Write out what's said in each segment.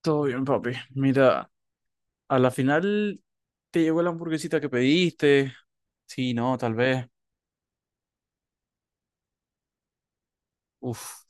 Todo bien, papi. Mira, a la final te llegó la hamburguesita que pediste. Sí, no, tal vez. Uf.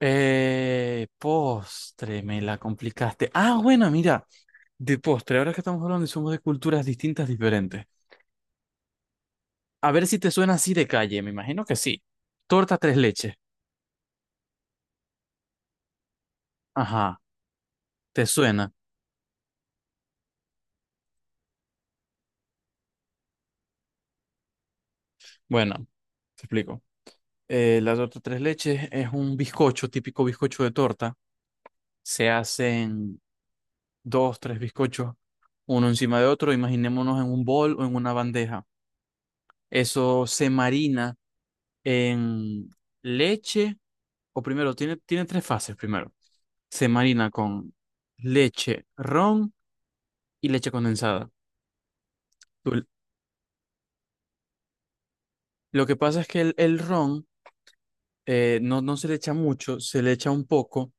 Postre, me la complicaste. Ah, bueno, mira, de postre. Ahora que estamos hablando y somos de culturas distintas, diferentes. A ver si te suena así de calle, me imagino que sí. Torta tres leches. Ajá, ¿te suena? Bueno, te explico. La torta tres leches es un bizcocho, típico bizcocho de torta. Se hacen dos, tres bizcochos, uno encima de otro, imaginémonos en un bol o en una bandeja. Eso se marina en leche, o primero, tiene tres fases primero. Se marina con leche, ron y leche condensada. Tú- Lo que pasa es que el ron no, no se le echa mucho, se le echa un poco,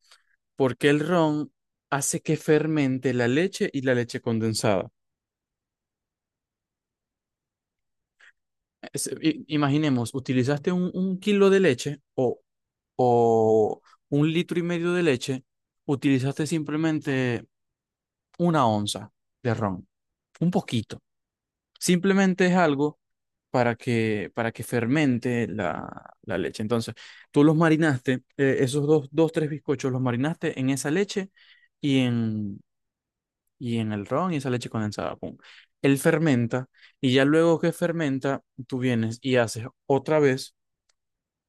porque el ron hace que fermente la leche y la leche condensada. Imaginemos, utilizaste un kilo de leche o un litro y medio de leche, utilizaste simplemente una onza de ron, un poquito. Simplemente es algo para que fermente la leche. Entonces, tú los marinaste, esos tres bizcochos, los marinaste en esa leche y en, y en el ron y esa leche condensada. Pum. Él fermenta y ya luego que fermenta, tú vienes y haces otra vez.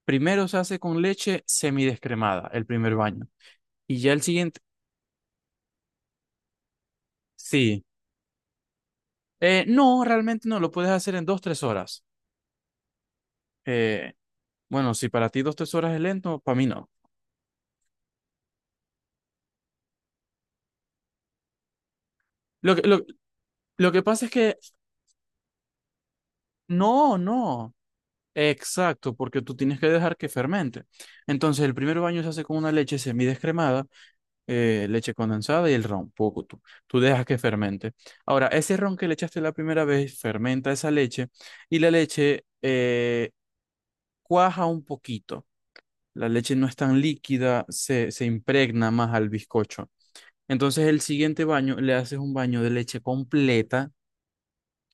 Primero se hace con leche semidescremada, el primer baño. Y ya el siguiente, sí. No, realmente no, lo puedes hacer en dos, tres horas. Eh, bueno, si para ti dos, tres horas es lento, para mí no. Lo que, lo, lo que pasa es que, no, no. Exacto, porque tú tienes que dejar que fermente. Entonces, el primer baño se hace con una leche semidescremada, leche condensada y el ron, poco tú. Tú dejas que fermente. Ahora, ese ron que le echaste la primera vez fermenta esa leche y la leche cuaja un poquito. La leche no es tan líquida, se impregna más al bizcocho. Entonces el siguiente baño le haces un baño de leche completa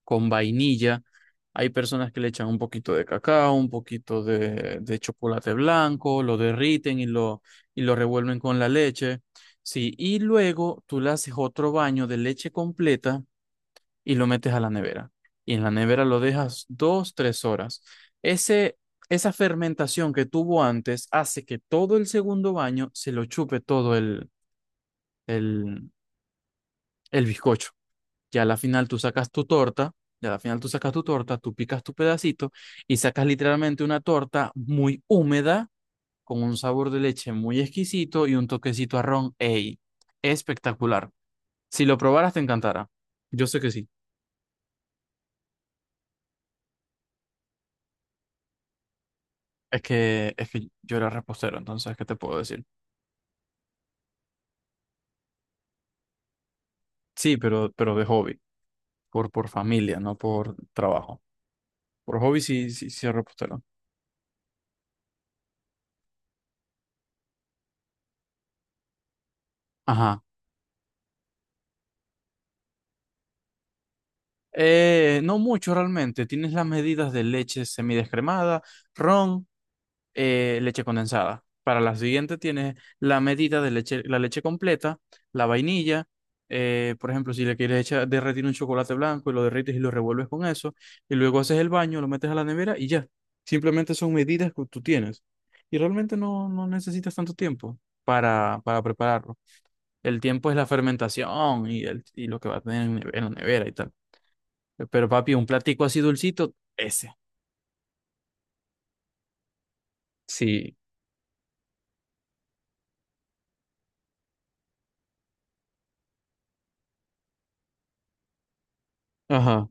con vainilla. Hay personas que le echan un poquito de cacao, un poquito de chocolate blanco, lo derriten y y lo revuelven con la leche. Sí, y luego tú le haces otro baño de leche completa y lo metes a la nevera. Y en la nevera lo dejas dos, tres horas. Ese, esa fermentación que tuvo antes hace que todo el segundo baño se lo chupe todo el, el bizcocho. ya a la final tú sacas tu torta, ya a la final tú sacas tu torta, tú picas tu pedacito y sacas literalmente una torta muy húmeda, con un sabor de leche muy exquisito y un toquecito a ron. ¡Ey! Espectacular. Si lo probaras, te encantará. Yo sé que sí. Es que yo era repostero, entonces, ¿qué te puedo decir? Sí, pero de hobby, por familia, no por trabajo. Por hobby sí, sí, sí, era repostero. Ajá. No mucho realmente. Tienes las medidas de leche semidescremada, ron, leche condensada. Para la siguiente tienes la medida de leche, la leche completa, la vainilla, por ejemplo, si le quieres echar, derretir un chocolate blanco y lo derrites y lo revuelves con eso, y luego haces el baño, lo metes a la nevera y ya. Simplemente son medidas que tú tienes. Y realmente no, no necesitas tanto tiempo para, prepararlo. El tiempo es la fermentación y lo que va a tener en la nevera y tal. Pero papi, un platico así dulcito, ese. Sí. Ajá,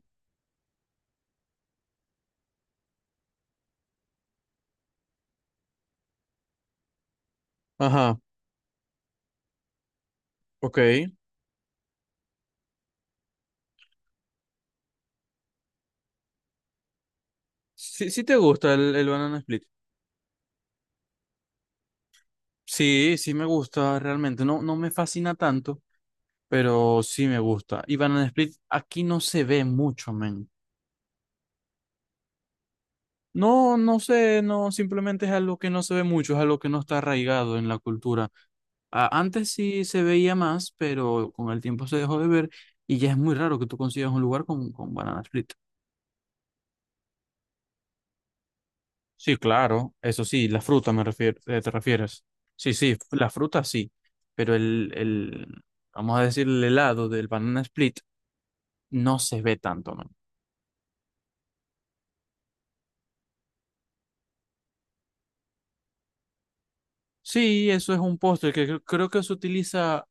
ajá, ok. Sí, sí te gusta el banana split. Sí, sí me gusta realmente. No, no me fascina tanto, pero sí me gusta. Y banana split aquí no se ve mucho, men. No, no sé, no, simplemente es algo que no se ve mucho, es algo que no está arraigado en la cultura. Antes sí se veía más, pero con el tiempo se dejó de ver y ya es muy raro que tú consigas un lugar con, banana split. Sí, claro, eso sí, la fruta te refieres. Sí, sí, la fruta sí, pero el vamos a decir, el helado del banana split no se ve tanto, man. Sí, eso es un postre que creo que se utiliza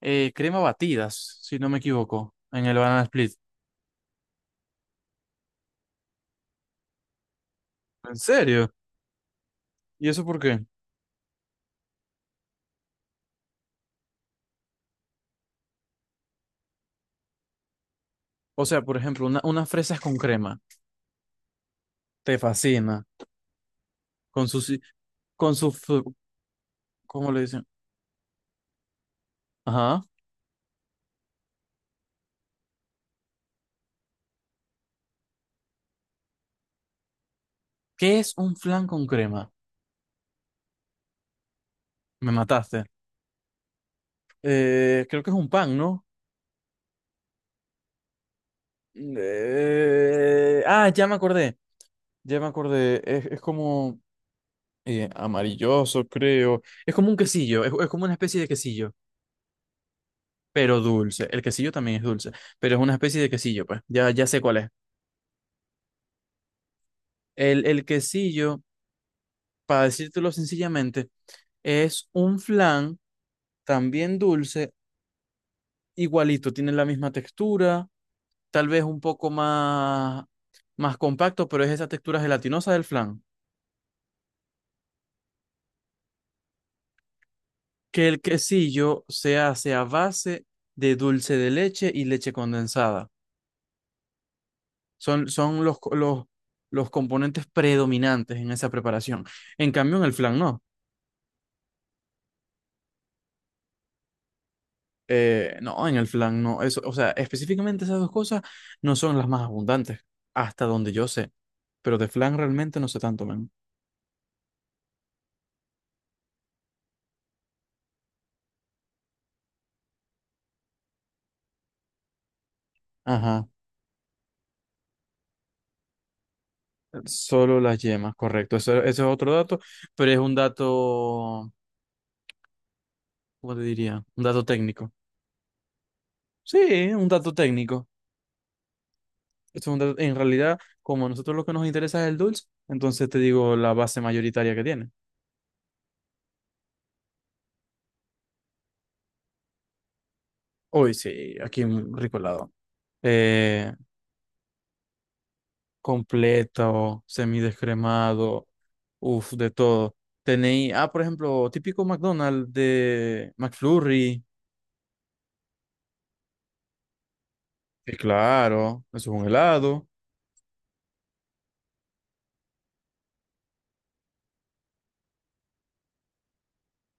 crema batidas, si no me equivoco, en el banana split. ¿En serio? ¿Y eso por qué? O sea, por ejemplo, unas fresas con crema, te fascina, con su, si- con su, fu- ¿cómo le dicen? Ajá. ¿Qué es un flan con crema? Me mataste. Creo que es un pan, ¿no? Ah, ya me acordé, ya me acordé. Es como amarilloso, creo. Es como un quesillo, es como una especie de quesillo, pero dulce. El quesillo también es dulce, pero es una especie de quesillo, pues. Ya, ya sé cuál es. El quesillo, para decírtelo sencillamente, es un flan también dulce, igualito, tiene la misma textura tal vez un poco más compacto, pero es esa textura gelatinosa del flan. Que el quesillo se hace a base de dulce de leche y leche condensada. Son los componentes predominantes en esa preparación. En cambio, en el flan no. No, en el flan no. Eso, o sea, específicamente esas dos cosas no son las más abundantes, hasta donde yo sé. Pero de flan realmente no sé tanto, men. Ajá. Solo las yemas, correcto. Eso es otro dato, pero es un dato, ¿cómo te diría? Un dato técnico. Sí, un dato técnico. Esto es en realidad, como a nosotros lo que nos interesa es el dulce, entonces te digo la base mayoritaria que tiene. Hoy sí, aquí un rico helado. Eh, Completo, semidescremado, uff, de todo. Tenéis, ah, por ejemplo, típico McDonald's de McFlurry, que claro, eso es un helado.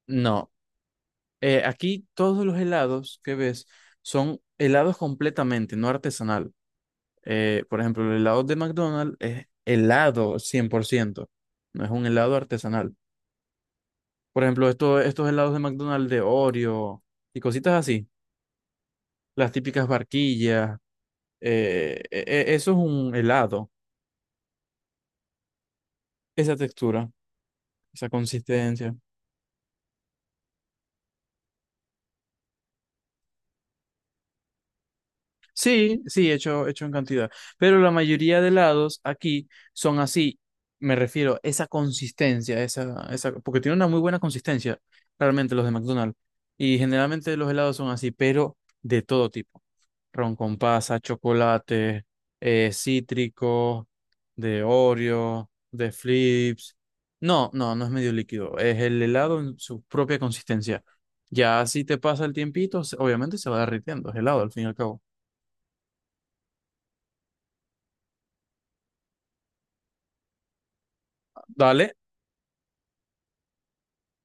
No, aquí todos los helados que ves son helados completamente, no artesanal. Por ejemplo, el helado de McDonald's es helado 100%, no es un helado artesanal. Por ejemplo, estos helados de McDonald's de Oreo y cositas así, las típicas barquillas, eh, e- eso es un helado, esa textura, esa consistencia. Sí, sí, hecho, hecho en cantidad. Pero la mayoría de helados aquí son así. Me refiero esa consistencia, esa, porque tiene una muy buena consistencia, realmente los de McDonald's. Y generalmente los helados son así, pero de todo tipo. Ron con pasa, chocolate, cítrico, de Oreo, de Flips. No, no, no es medio líquido. Es el helado en su propia consistencia. Ya si te pasa el tiempito, obviamente se va derritiendo. Es helado al fin y al cabo. Dale.